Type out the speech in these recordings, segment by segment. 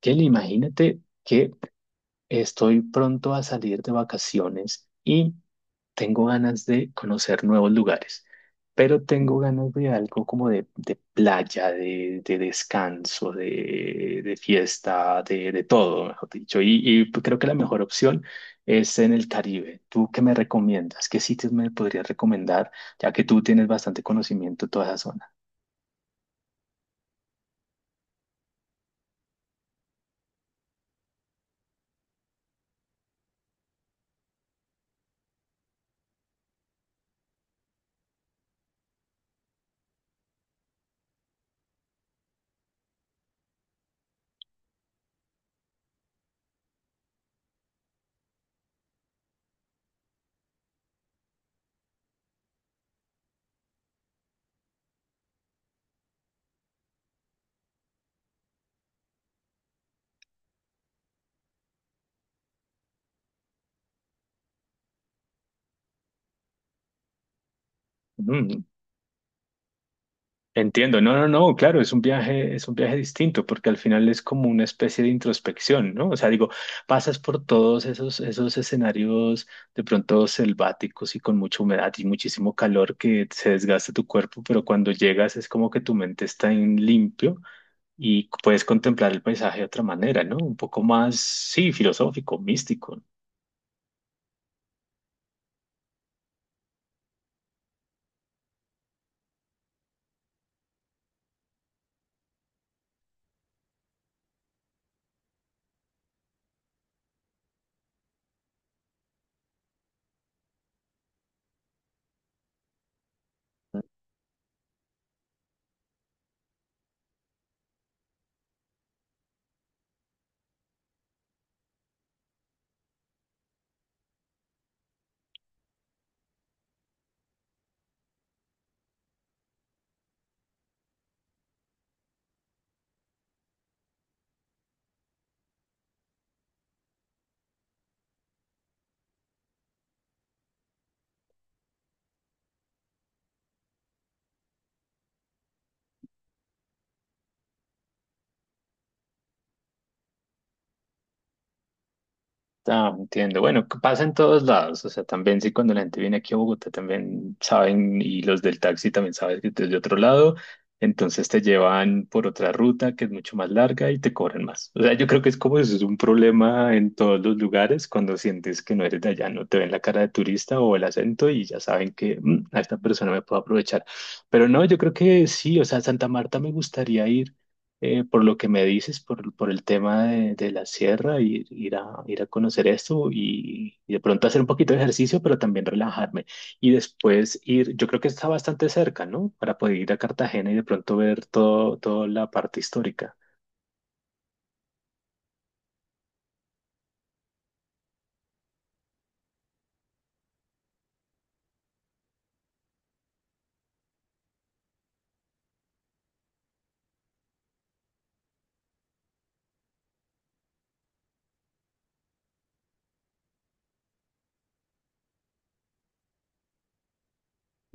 Kelly, imagínate que estoy pronto a salir de vacaciones y tengo ganas de conocer nuevos lugares, pero tengo ganas de algo como de playa, de descanso, de fiesta, de todo, mejor dicho. Y creo que la mejor opción es en el Caribe. ¿Tú qué me recomiendas? ¿Qué sitios me podrías recomendar, ya que tú tienes bastante conocimiento de toda esa zona? Ujú. Entiendo, no, no, no, claro, es un viaje distinto, porque al final es como una especie de introspección, ¿no? O sea, digo, pasas por todos esos escenarios de pronto selváticos y con mucha humedad y muchísimo calor que se desgasta tu cuerpo, pero cuando llegas es como que tu mente está en limpio y puedes contemplar el paisaje de otra manera, ¿no? Un poco más, sí, filosófico, místico. Ah, entiendo. Bueno, que pasa en todos lados. O sea, también sí, cuando la gente viene aquí a Bogotá, también saben, y los del taxi también saben que es de otro lado. Entonces te llevan por otra ruta que es mucho más larga y te cobran más. O sea, yo creo que es como eso, es un problema en todos los lugares cuando sientes que no eres de allá, no te ven la cara de turista o el acento y ya saben que "Mm, a esta persona me puedo aprovechar". Pero no, yo creo que sí, o sea, Santa Marta me gustaría ir por lo que me dices, por el tema de la sierra, ir, ir a conocer esto y de pronto hacer un poquito de ejercicio, pero también relajarme. Y después ir, yo creo que está bastante cerca, ¿no? Para poder ir a Cartagena y de pronto ver todo, toda la parte histórica.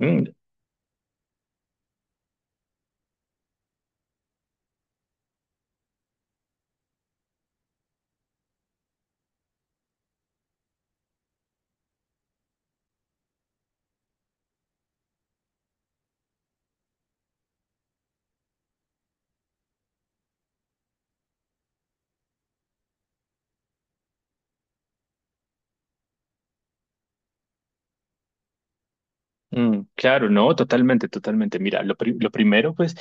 Mm. Mm, claro, no, totalmente, totalmente. Mira, lo primero, pues,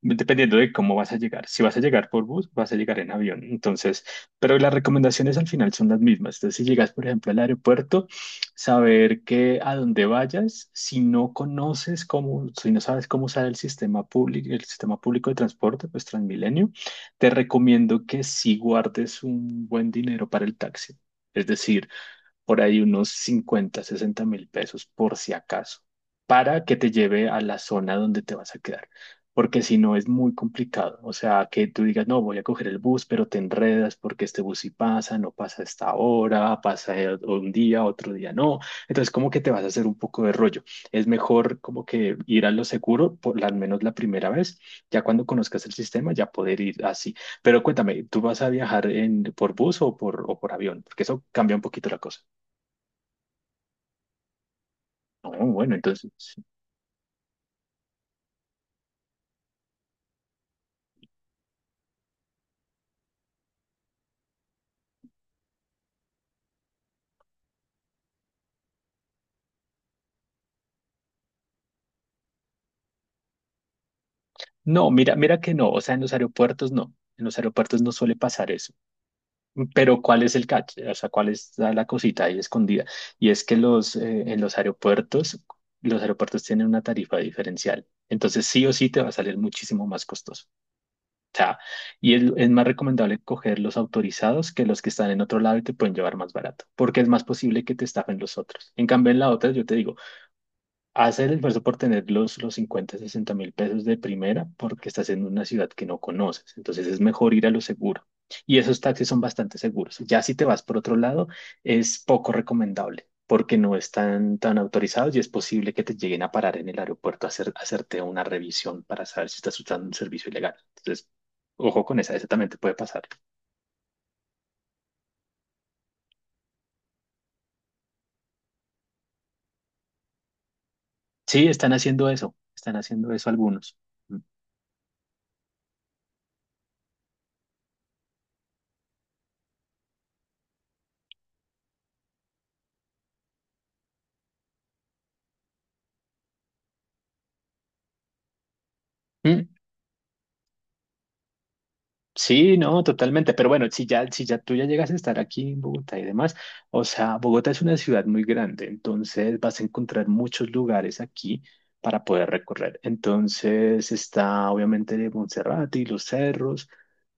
dependiendo de cómo vas a llegar. Si vas a llegar por bus, vas a llegar en avión. Entonces, pero las recomendaciones al final son las mismas. Entonces, si llegas, por ejemplo, al aeropuerto, saber que a donde vayas, si no conoces cómo, si no sabes cómo usar el sistema público de transporte, pues Transmilenio, te recomiendo que sí guardes un buen dinero para el taxi. Es decir, por ahí unos 50 60 mil pesos por si acaso, para que te lleve a la zona donde te vas a quedar. Porque si no es muy complicado. O sea, que tú digas, no, voy a coger el bus, pero te enredas porque este bus sí pasa, no pasa a esta hora, pasa un día, otro día no. Entonces, como que te vas a hacer un poco de rollo. Es mejor como que ir a lo seguro, por al menos la primera vez. Ya cuando conozcas el sistema, ya poder ir así. Pero cuéntame, ¿tú vas a viajar en, por bus o por avión? Porque eso cambia un poquito la cosa. Oh, bueno, entonces, no, mira, mira que no, o sea, en los aeropuertos no, en los aeropuertos no suele pasar eso, pero ¿cuál es el catch? O sea, ¿cuál es la, la cosita ahí escondida? Y es que los, en los aeropuertos tienen una tarifa diferencial, entonces sí o sí te va a salir muchísimo más costoso, o sea, y es más recomendable coger los autorizados que los que están en otro lado y te pueden llevar más barato, porque es más posible que te estafen los otros. En cambio, en la otra, yo te digo, haz el esfuerzo por tener los, 50, 60 mil pesos de primera porque estás en una ciudad que no conoces. Entonces es mejor ir a lo seguro. Y esos taxis son bastante seguros. Ya si te vas por otro lado, es poco recomendable porque no están tan autorizados y es posible que te lleguen a parar en el aeropuerto a hacer, a hacerte una revisión para saber si estás usando un servicio ilegal. Entonces, ojo con esa, esa también te puede pasar. Sí, están haciendo eso. Están haciendo eso algunos. Mm. Sí, no, totalmente. Pero bueno, si ya, si ya tú ya llegas a estar aquí en Bogotá y demás, o sea, Bogotá es una ciudad muy grande, entonces vas a encontrar muchos lugares aquí para poder recorrer. Entonces está obviamente Monserrate y los cerros,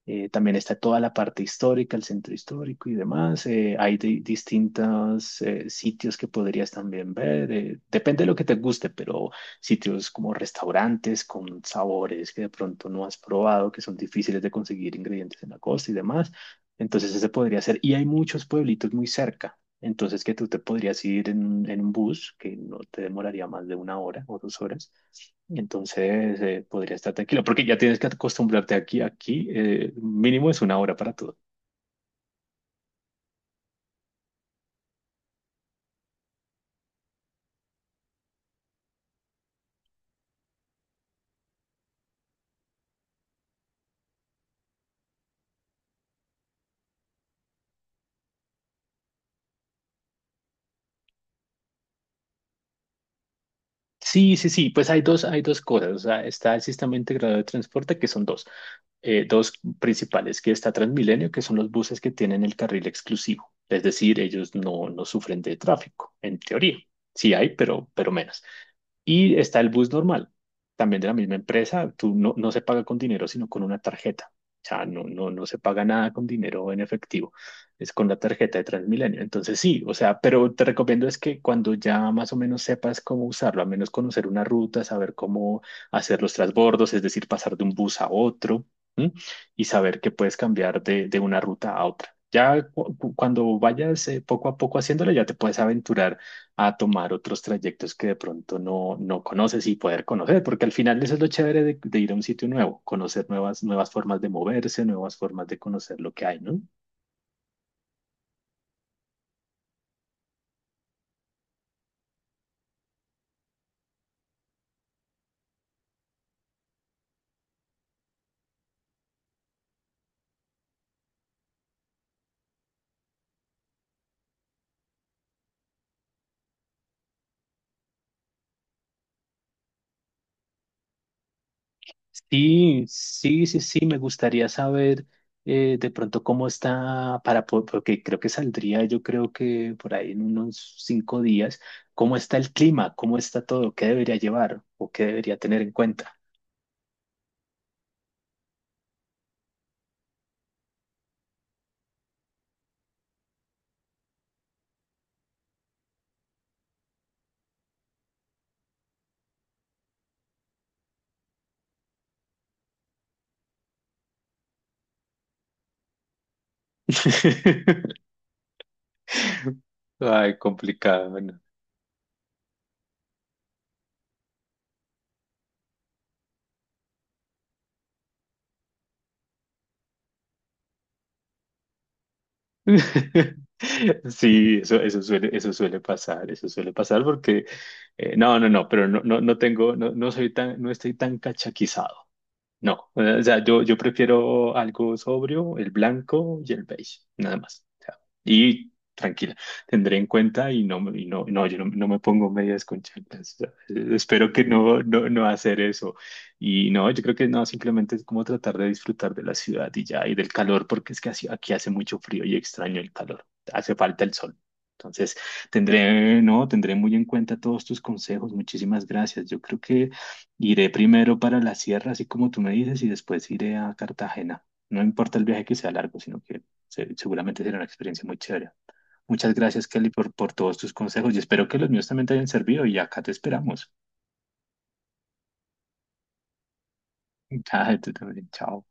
también está toda la parte histórica, el centro histórico y demás. Hay distintos sitios que podrías también ver, depende de lo que te guste, pero sitios como restaurantes con sabores que de pronto no has probado, que son difíciles de conseguir ingredientes en la costa y demás. Entonces ese podría ser. Y hay muchos pueblitos muy cerca. Entonces que tú te podrías ir en un bus que no te demoraría más de una hora o 2 horas. Entonces podría estar tranquilo porque ya tienes que acostumbrarte aquí. Aquí mínimo es una hora para todo. Sí, sí, sí, pues hay dos cosas. O sea, está el sistema integrado de transporte, que son dos principales, que está Transmilenio, que son los buses que tienen el carril exclusivo. Es decir, ellos no, no sufren de tráfico, en teoría. Sí hay, pero menos. Y está el bus normal, también de la misma empresa. Tú no, no se paga con dinero, sino con una tarjeta. O sea, no, no, no se paga nada con dinero en efectivo. Es con la tarjeta de Transmilenio. Entonces sí, o sea, pero te recomiendo es que cuando ya más o menos sepas cómo usarlo, al menos conocer una ruta, saber cómo hacer los transbordos, es decir, pasar de un bus a otro, ¿m? Y saber que puedes cambiar de una ruta a otra. Ya cuando vayas poco a poco haciéndolo, ya te puedes aventurar a tomar otros trayectos que de pronto no, no conoces y poder conocer, porque al final eso es lo chévere de ir a un sitio nuevo, conocer nuevas, nuevas formas de moverse, nuevas formas de conocer lo que hay, ¿no? Sí, sí, sí, sí, me gustaría saber de pronto cómo está para, porque creo que saldría, yo creo que por ahí en unos 5 días, cómo está el clima, cómo está todo, qué debería llevar o qué debería tener en cuenta. Ay, complicado. Bueno. Sí, eso suele pasar porque no, no, no, pero no, no, no tengo, no, no soy tan, no estoy tan cachaquizado. No, o sea, yo prefiero algo sobrio, el blanco y el beige, nada más. O sea, y tranquila, tendré en cuenta y no, y no, no, yo no, no me pongo medias con chanclas. O sea, espero que no, no, no hacer eso. Y no, yo creo que no, simplemente es como tratar de disfrutar de la ciudad y ya, y del calor, porque es que aquí hace mucho frío y extraño el calor. Hace falta el sol. Entonces, tendré, no, tendré muy en cuenta todos tus consejos. Muchísimas gracias. Yo creo que iré primero para la sierra, así como tú me dices, y después iré a Cartagena. No importa el viaje que sea largo, sino que seguramente será una experiencia muy chévere. Muchas gracias, Kelly, por todos tus consejos y espero que los míos también te hayan servido y acá te esperamos. Ah, tú también, chao.